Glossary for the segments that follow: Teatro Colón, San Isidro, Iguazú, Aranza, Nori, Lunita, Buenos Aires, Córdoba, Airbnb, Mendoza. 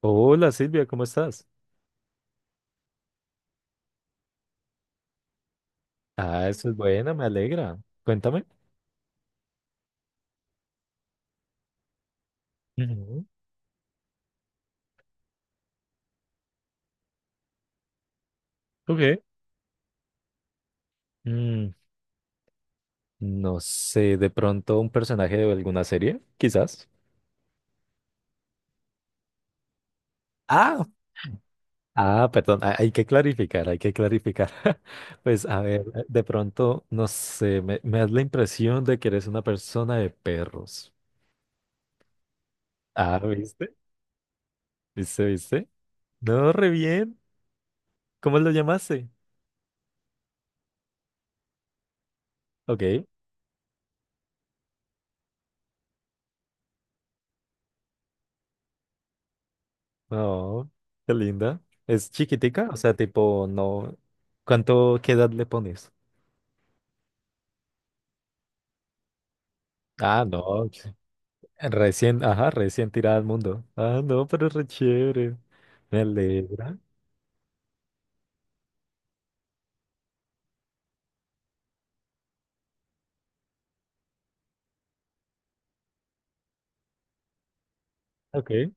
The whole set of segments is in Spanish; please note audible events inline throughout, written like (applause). Hola Silvia, ¿cómo estás? Ah, eso es buena, me alegra. Cuéntame. Ujú. Ok. Mm, no sé, de pronto un personaje de alguna serie, quizás. Ah, perdón, hay que clarificar, hay que clarificar. (laughs) Pues a ver, de pronto, no sé, me das la impresión de que eres una persona de perros. Ah, ¿viste? ¿Viste, viste? No, re bien. ¿Cómo lo llamaste? Ok. Oh, qué linda. ¿Es chiquitica? O sea, tipo, no. ¿Qué edad le pones? Ah, no. Recién, ajá, recién tirada al mundo. Ah, no, pero es re chévere. Me alegra. Ok.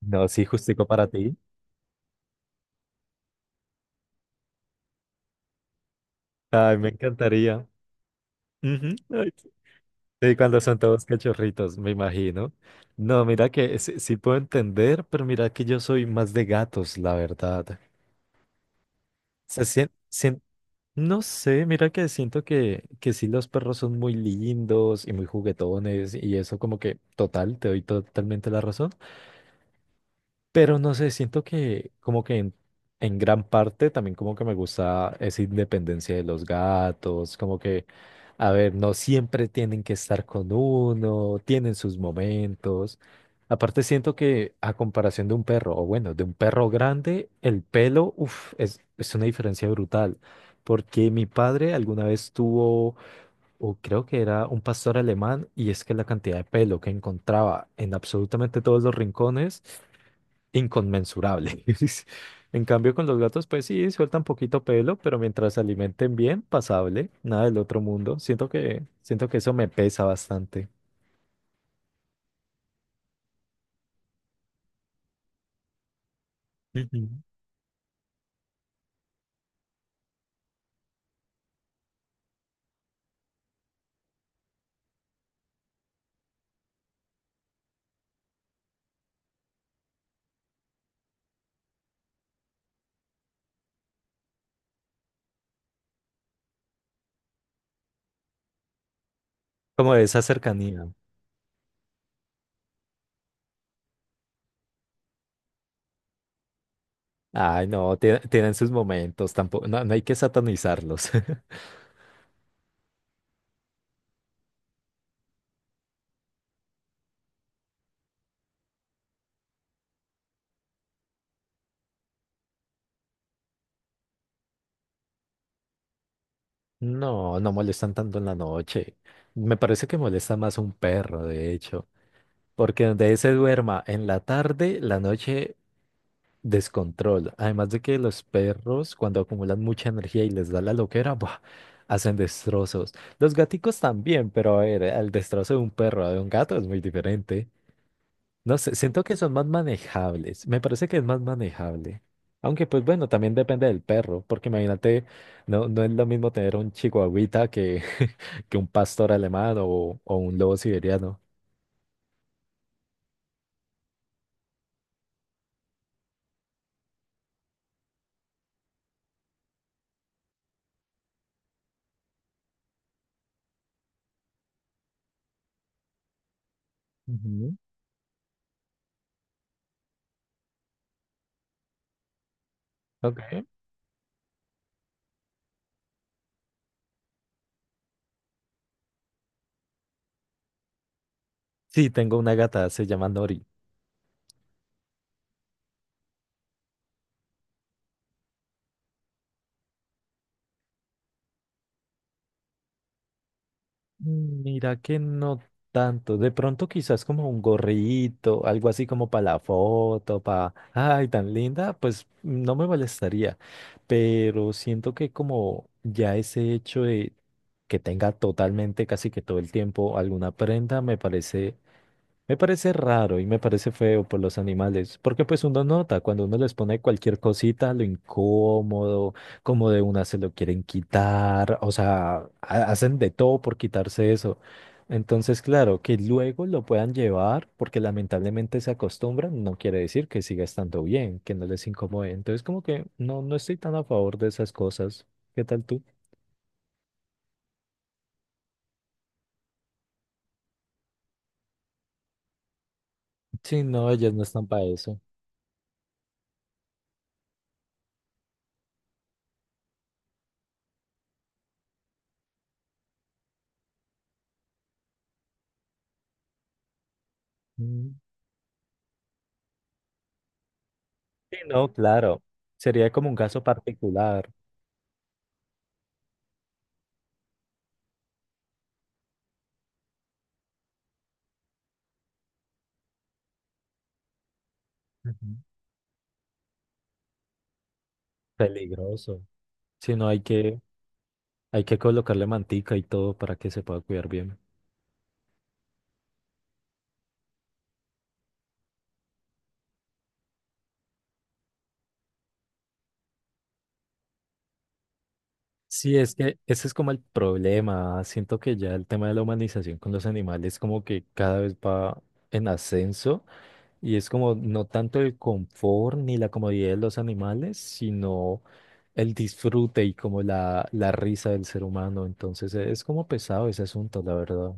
No, sí, justico para ti. Ay, me encantaría. Ujú. Ay, sí, cuando son todos cachorritos, me imagino. No, mira que sí, sí puedo entender, pero mira que yo soy más de gatos, la verdad. Se siente No sé, mira que siento que, sí los perros son muy lindos y muy juguetones y eso como que total, te doy totalmente la razón, pero no sé, siento que como que en gran parte también como que me gusta esa independencia de los gatos, como que, a ver, no siempre tienen que estar con uno, tienen sus momentos. Aparte siento que a comparación de un perro, o bueno, de un perro grande, el pelo, uff, es una diferencia brutal. Porque mi padre alguna vez tuvo, o creo que era un pastor alemán, y es que la cantidad de pelo que encontraba en absolutamente todos los rincones, inconmensurable. (laughs) En cambio, con los gatos, pues sí, sueltan poquito pelo, pero mientras se alimenten bien, pasable, nada del otro mundo. Siento que eso me pesa bastante. Ujú. Como de esa cercanía. Ay, no, tienen sus momentos, tampoco, no, no hay que satanizarlos. (laughs) No, no molestan tanto en la noche. Me parece que molesta más un perro, de hecho, porque donde se duerma en la tarde, la noche. Descontrol. Además de que los perros, cuando acumulan mucha energía y les da la loquera, ¡buah! Hacen destrozos. Los gaticos también, pero a ver, el destrozo de un perro a de un gato es muy diferente. No sé, siento que son más manejables. Me parece que es más manejable. Aunque, pues bueno, también depende del perro, porque imagínate, no, no es lo mismo tener un chihuahuita que, (laughs) que un pastor alemán o, un lobo siberiano. Ujú. Ok. Sí, tengo una gata, se llama Nori. Mira que no tanto. De pronto quizás como un gorrito, algo así como para la foto, ay, tan linda, pues no me molestaría. Pero siento que como ya ese hecho de que tenga totalmente casi que todo el tiempo alguna prenda, me parece raro y me parece feo por los animales, porque pues uno nota cuando uno les pone cualquier cosita, lo incómodo, como de una se lo quieren quitar, o sea, hacen de todo por quitarse eso. Entonces, claro, que luego lo puedan llevar, porque lamentablemente se acostumbran, no quiere decir que siga estando bien, que no les incomode. Entonces, como que no, no estoy tan a favor de esas cosas. ¿Qué tal tú? Sí, no, ellas no están para eso. Mm. Sí, no, claro. Sería como un caso particular. Ujú. Peligroso. Si no, hay que, colocarle mantica y todo para que se pueda cuidar bien. Sí, es que ese es como el problema. Siento que ya el tema de la humanización con los animales como que cada vez va en ascenso y es como no tanto el confort ni la comodidad de los animales, sino el disfrute y como la, risa del ser humano. Entonces es como pesado ese asunto, la verdad.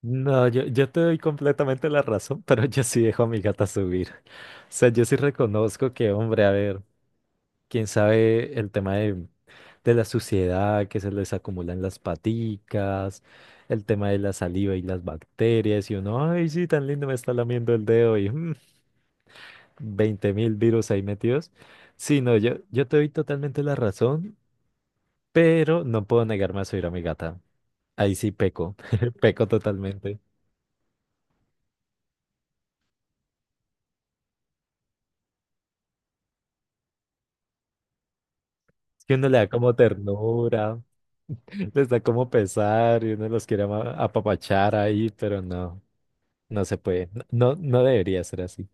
No, yo te doy completamente la razón, pero yo sí dejo a mi gata subir. O sea, yo sí reconozco que, hombre, a ver, quién sabe el tema de la suciedad que se les acumula en las paticas, el tema de la saliva y las bacterias, y uno, ay, sí, tan lindo me está lamiendo el dedo y 20.000 virus ahí metidos. Sí, no, yo te doy totalmente la razón, pero no puedo negarme a subir a mi gata. Ahí sí peco, (laughs) peco totalmente. Es que uno le da como ternura. Les da como pesar y uno los quiere apapachar ahí, pero no, no se puede. No, no debería ser así.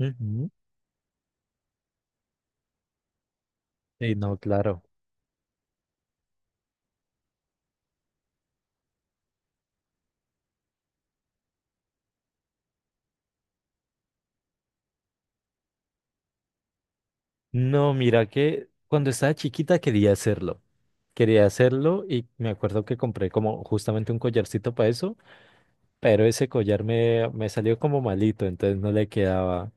Ujú. Y no, claro. No, mira que cuando estaba chiquita quería hacerlo. Quería hacerlo y me acuerdo que compré como justamente un collarcito para eso, pero ese collar me, salió como malito, entonces no le quedaba.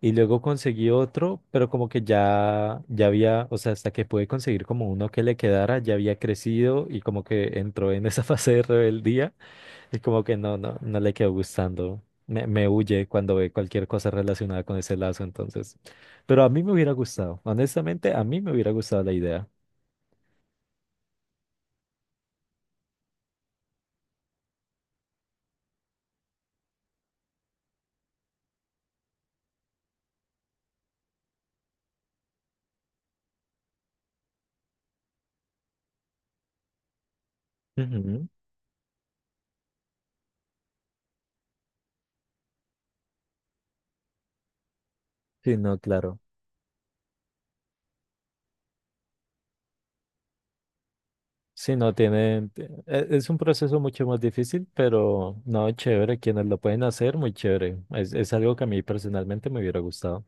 Y luego conseguí otro, pero como que ya había, o sea, hasta que pude conseguir como uno que le quedara, ya había crecido y como que entró en esa (laughs) fase de rebeldía y como que no, no, no le quedó gustando. Me huye cuando ve cualquier cosa relacionada con ese lazo, entonces. Pero a mí me hubiera gustado, honestamente, a mí me hubiera gustado la idea. Ujú. Sí, no, claro. Sí, no es un proceso mucho más difícil, pero no, chévere, quienes lo pueden hacer, muy chévere. Es algo que a mí personalmente me hubiera gustado.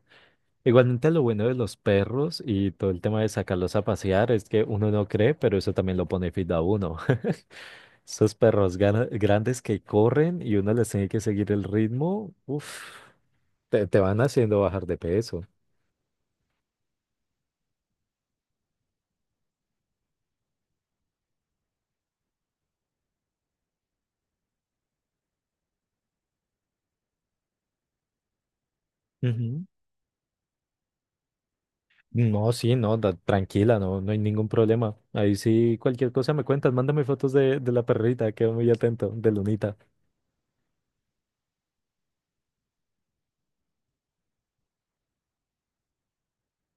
Igualmente lo bueno de los perros y todo el tema de sacarlos a pasear es que uno no cree, pero eso también lo pone fit a uno. (laughs) Esos perros grandes que corren y uno les tiene que seguir el ritmo, uff, te, van haciendo bajar de peso. Ujú. No, sí, no, tranquila, no, no hay ningún problema. Ahí sí, cualquier cosa me cuentas, mándame fotos de la perrita, quedo muy atento, de Lunita.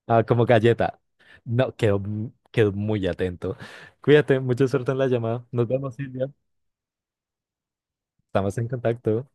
Ah, como galleta. No, quedo, quedo muy atento. Cuídate, mucha suerte en la llamada. Nos vemos, Silvia. Estamos en contacto.